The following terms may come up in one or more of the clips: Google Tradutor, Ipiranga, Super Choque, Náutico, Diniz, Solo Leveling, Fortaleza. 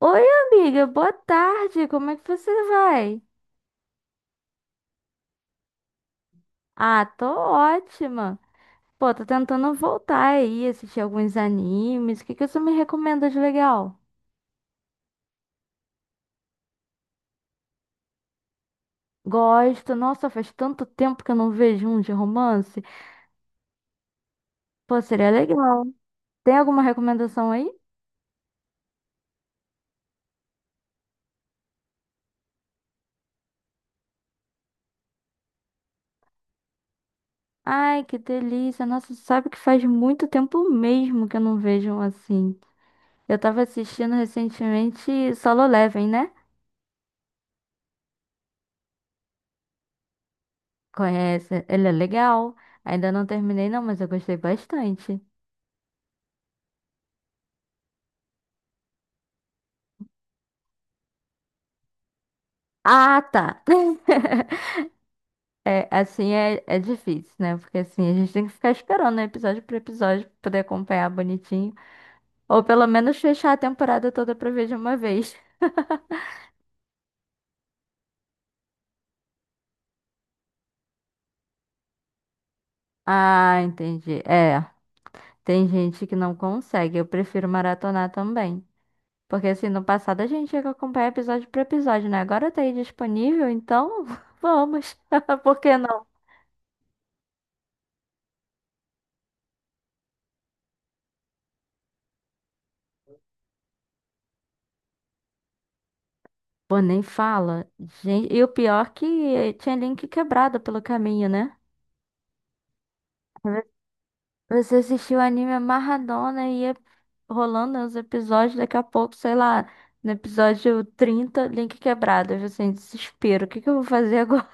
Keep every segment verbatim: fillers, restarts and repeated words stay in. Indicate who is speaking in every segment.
Speaker 1: Oi, amiga, boa tarde. Como é que você vai? Ah, tô ótima. Pô, tô tentando voltar aí, assistir alguns animes. O que que você me recomenda de legal? Gosto. Nossa, faz tanto tempo que eu não vejo um de romance. Pô, seria legal. Tem alguma recomendação aí? Ai, que delícia. Nossa, sabe que faz muito tempo mesmo que eu não vejo um assim. Eu tava assistindo recentemente Solo Leveling, né? Conhece? Ele é legal. Ainda não terminei, não, mas eu gostei bastante. Ah, tá. É, assim é, é difícil, né? Porque assim, a gente tem que ficar esperando, né? Episódio por episódio, pra poder acompanhar bonitinho. Ou pelo menos fechar a temporada toda pra ver de uma vez. Ah, entendi. É, tem gente que não consegue. Eu prefiro maratonar também. Porque assim, no passado a gente tinha que acompanhar episódio por episódio, né? Agora tá aí disponível, então vamos. Por que Pô, nem fala. Gente, e o pior que eh, tinha link quebrado pelo caminho, né? Você assistiu o anime amarradona e ia rolando os episódios, daqui a pouco, sei lá, no episódio trinta link quebrado. Eu assim, desespero, o que que eu vou fazer agora?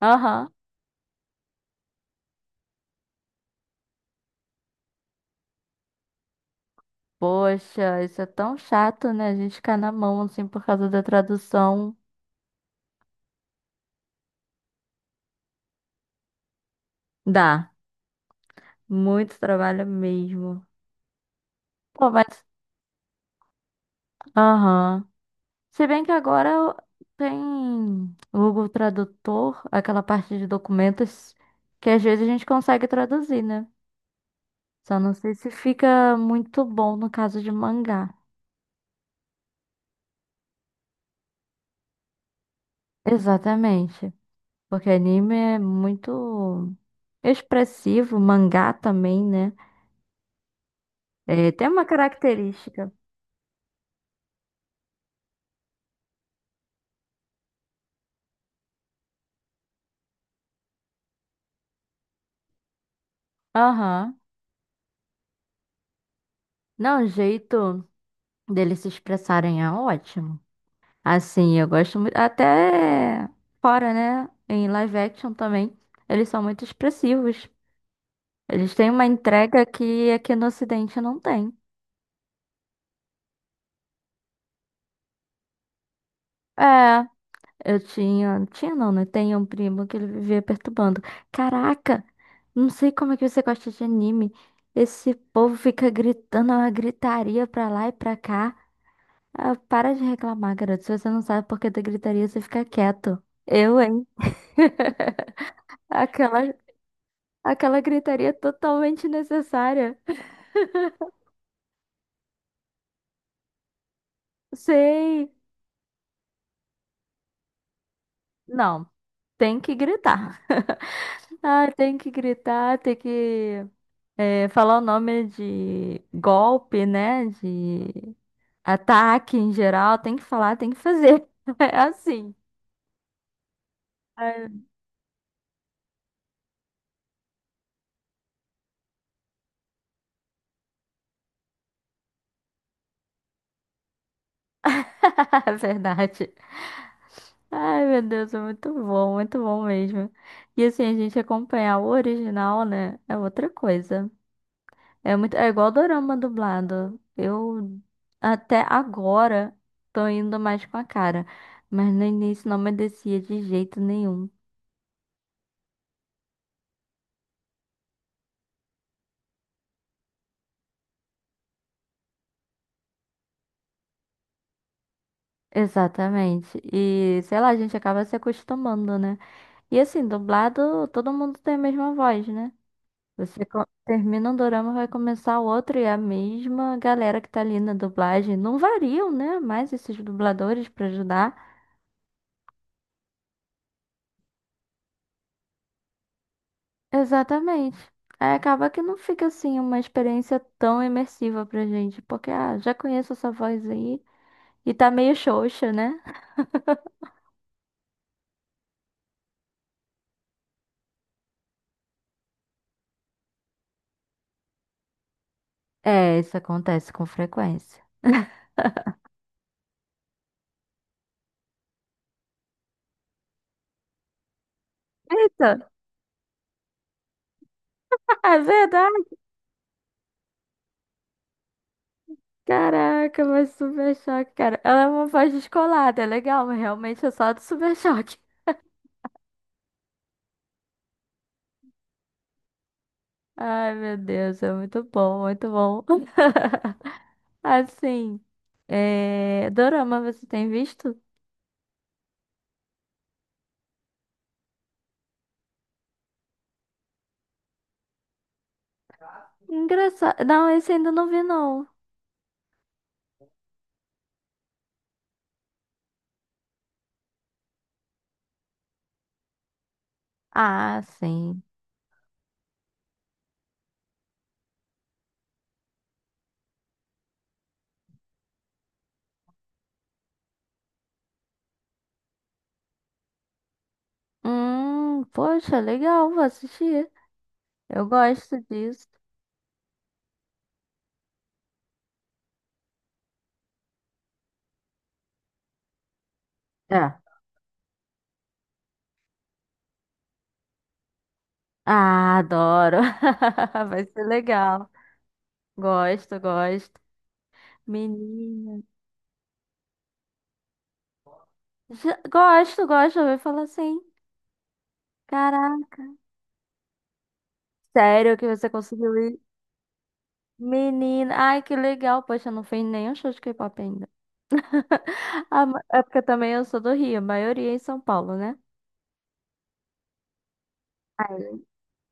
Speaker 1: Aham. Poxa, isso é tão chato, né? A gente ficar na mão, assim, por causa da tradução. Dá. Muito trabalho mesmo. Pô, mas. Aham. Se bem que agora tem o Google Tradutor, aquela parte de documentos que às vezes a gente consegue traduzir, né? Só não sei se fica muito bom no caso de mangá. Exatamente. Porque anime é muito expressivo, mangá também, né? É, tem uma característica. Aham. Não, o jeito deles se expressarem é ótimo. Assim, eu gosto muito. Até fora, né? Em live action também. Eles são muito expressivos. Eles têm uma entrega que aqui no Ocidente não tem. É, eu tinha. Tinha não, né? Tem um primo que ele vivia perturbando. Caraca! Não sei como é que você gosta de anime. Esse povo fica gritando, é uma gritaria pra lá e pra cá. Ah, para de reclamar, garoto. Se você não sabe por que da gritaria, você fica quieto. Eu, hein? Aquela. Aquela gritaria é totalmente necessária. Sei. Não, tem que gritar. Ah, tem que gritar, tem que é, falar o nome de golpe, né? De ataque em geral. Tem que falar, tem que fazer. É assim. Ai, verdade. Ai, meu Deus, é muito bom, muito bom mesmo. E assim, a gente acompanhar o original, né? É outra coisa. É muito, é igual dorama dublado. Eu até agora tô indo mais com a cara, mas no início não me descia de jeito nenhum. Exatamente. E sei lá, a gente acaba se acostumando, né? E assim, dublado, todo mundo tem a mesma voz, né? Você co- termina um dorama, vai começar outro e é a mesma galera que tá ali na dublagem. Não variam, né? Mais esses dubladores pra ajudar. Exatamente. Aí acaba que não fica assim uma experiência tão imersiva pra gente, porque ah, já conheço essa voz aí e tá meio xoxa, né? É, isso acontece com frequência. Eita! É verdade! Caraca, mas Super Choque, cara. Ela é uma voz descolada, é legal, mas realmente é só do Super Choque. Ai, meu Deus, é muito bom, muito bom. Assim, é... Dorama, você tem visto? Engraçado. Não, esse ainda não vi, não. Ah, sim. Hum, poxa, legal, vou assistir. Eu gosto disso. É. Ah, adoro. Vai ser legal. Gosto, gosto. Menina. já- Gosto, gosto. Eu ouvi falar assim. Caraca. Sério que você conseguiu ir? Menina. Ai, que legal. Poxa, eu não fui em nenhum show de K-pop ainda. Ah, ma- é porque também eu sou do Rio, a maioria é em São Paulo, né?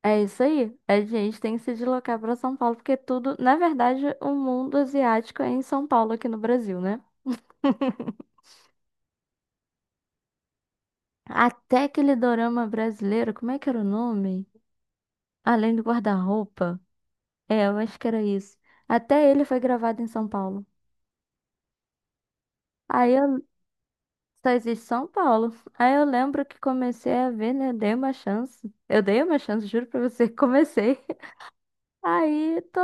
Speaker 1: É isso aí. A gente tem que se deslocar para São Paulo, porque tudo, na verdade, o mundo asiático é em São Paulo, aqui no Brasil, né? Até aquele dorama brasileiro, como é que era o nome? Além do guarda-roupa. É, eu acho que era isso. Até ele foi gravado em São Paulo. Aí eu só existe São Paulo. Aí eu lembro que comecei a ver, né? Dei uma chance. Eu dei uma chance, juro pra você, comecei. Aí tô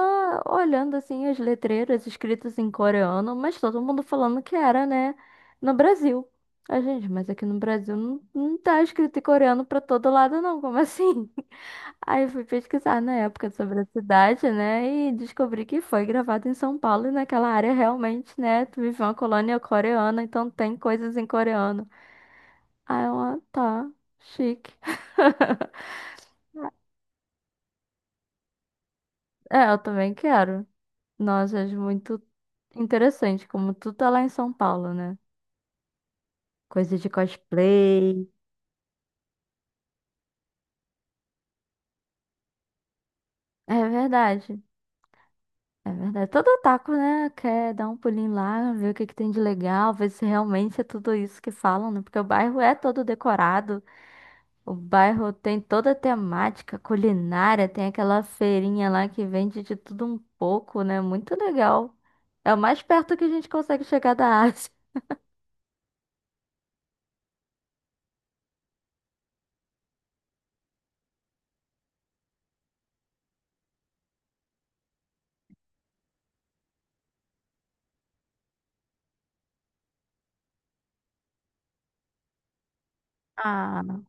Speaker 1: olhando assim as letreiras escritas em coreano, mas todo mundo falando que era, né, no Brasil. A gente, mas aqui no Brasil não, não tá escrito em coreano pra todo lado não, como assim? Aí eu fui pesquisar na época sobre a cidade, né, e descobri que foi gravado em São Paulo e naquela área realmente, né, tu vive uma colônia coreana, então tem coisas em coreano. Aí eu, ah, tá, chique. É, eu também quero. Nossa, acho muito interessante como tu tá lá em São Paulo, né? Coisa de cosplay. É verdade. É verdade. Todo otaku, né, quer dar um pulinho lá, ver o que que tem de legal, ver se realmente é tudo isso que falam, né? Porque o bairro é todo decorado, o bairro tem toda a temática culinária, tem aquela feirinha lá que vende de tudo um pouco, né? Muito legal. É o mais perto que a gente consegue chegar da Ásia. Ah,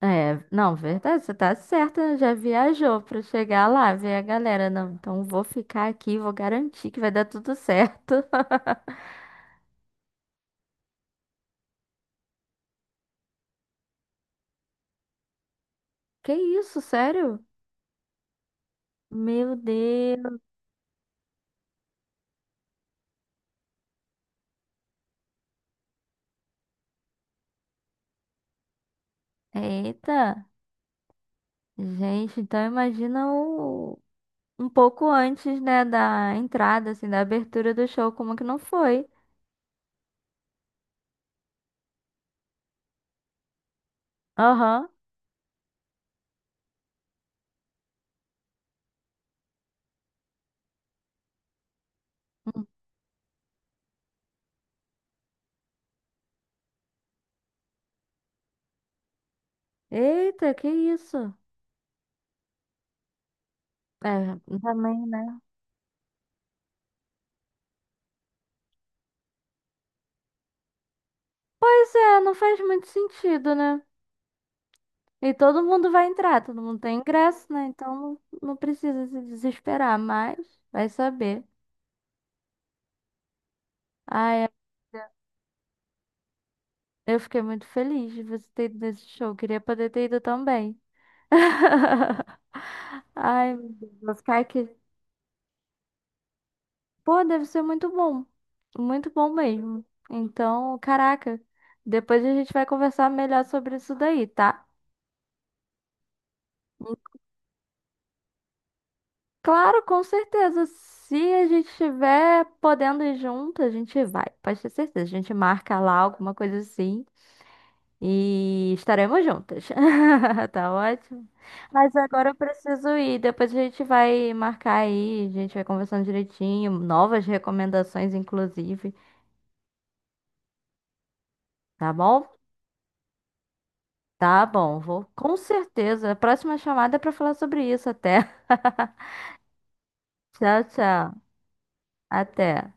Speaker 1: é, não, verdade, você tá certa, já viajou pra chegar lá, ver a galera. Não, então vou ficar aqui, vou garantir que vai dar tudo certo. Que isso, sério? Meu Deus. Eita. Gente, então imagina o... um pouco antes, né, da entrada, assim, da abertura do show, como que não foi? Aham. Hum. Eita, que isso? É, também, né? Pois é, não faz muito sentido, né? E todo mundo vai entrar, todo mundo tem ingresso, né? Então não, não precisa se desesperar, mas vai saber. Ai, amiga, eu fiquei muito feliz de você ter ido nesse show. Queria poder ter ido também. Ai, meu Deus, vou ficar aqui. Pô, deve ser muito bom. Muito bom mesmo. Então, caraca, depois a gente vai conversar melhor sobre isso daí, tá? Claro, com certeza. Se a gente estiver podendo ir junto, a gente vai. Pode ter certeza. A gente marca lá alguma coisa assim e estaremos juntas. Tá ótimo. Mas agora eu preciso ir. Depois a gente vai marcar aí, a gente vai conversando direitinho, novas recomendações, inclusive. Tá bom? Tá bom, vou com certeza. A próxima chamada é pra falar sobre isso até. Tchau, tchau. Até.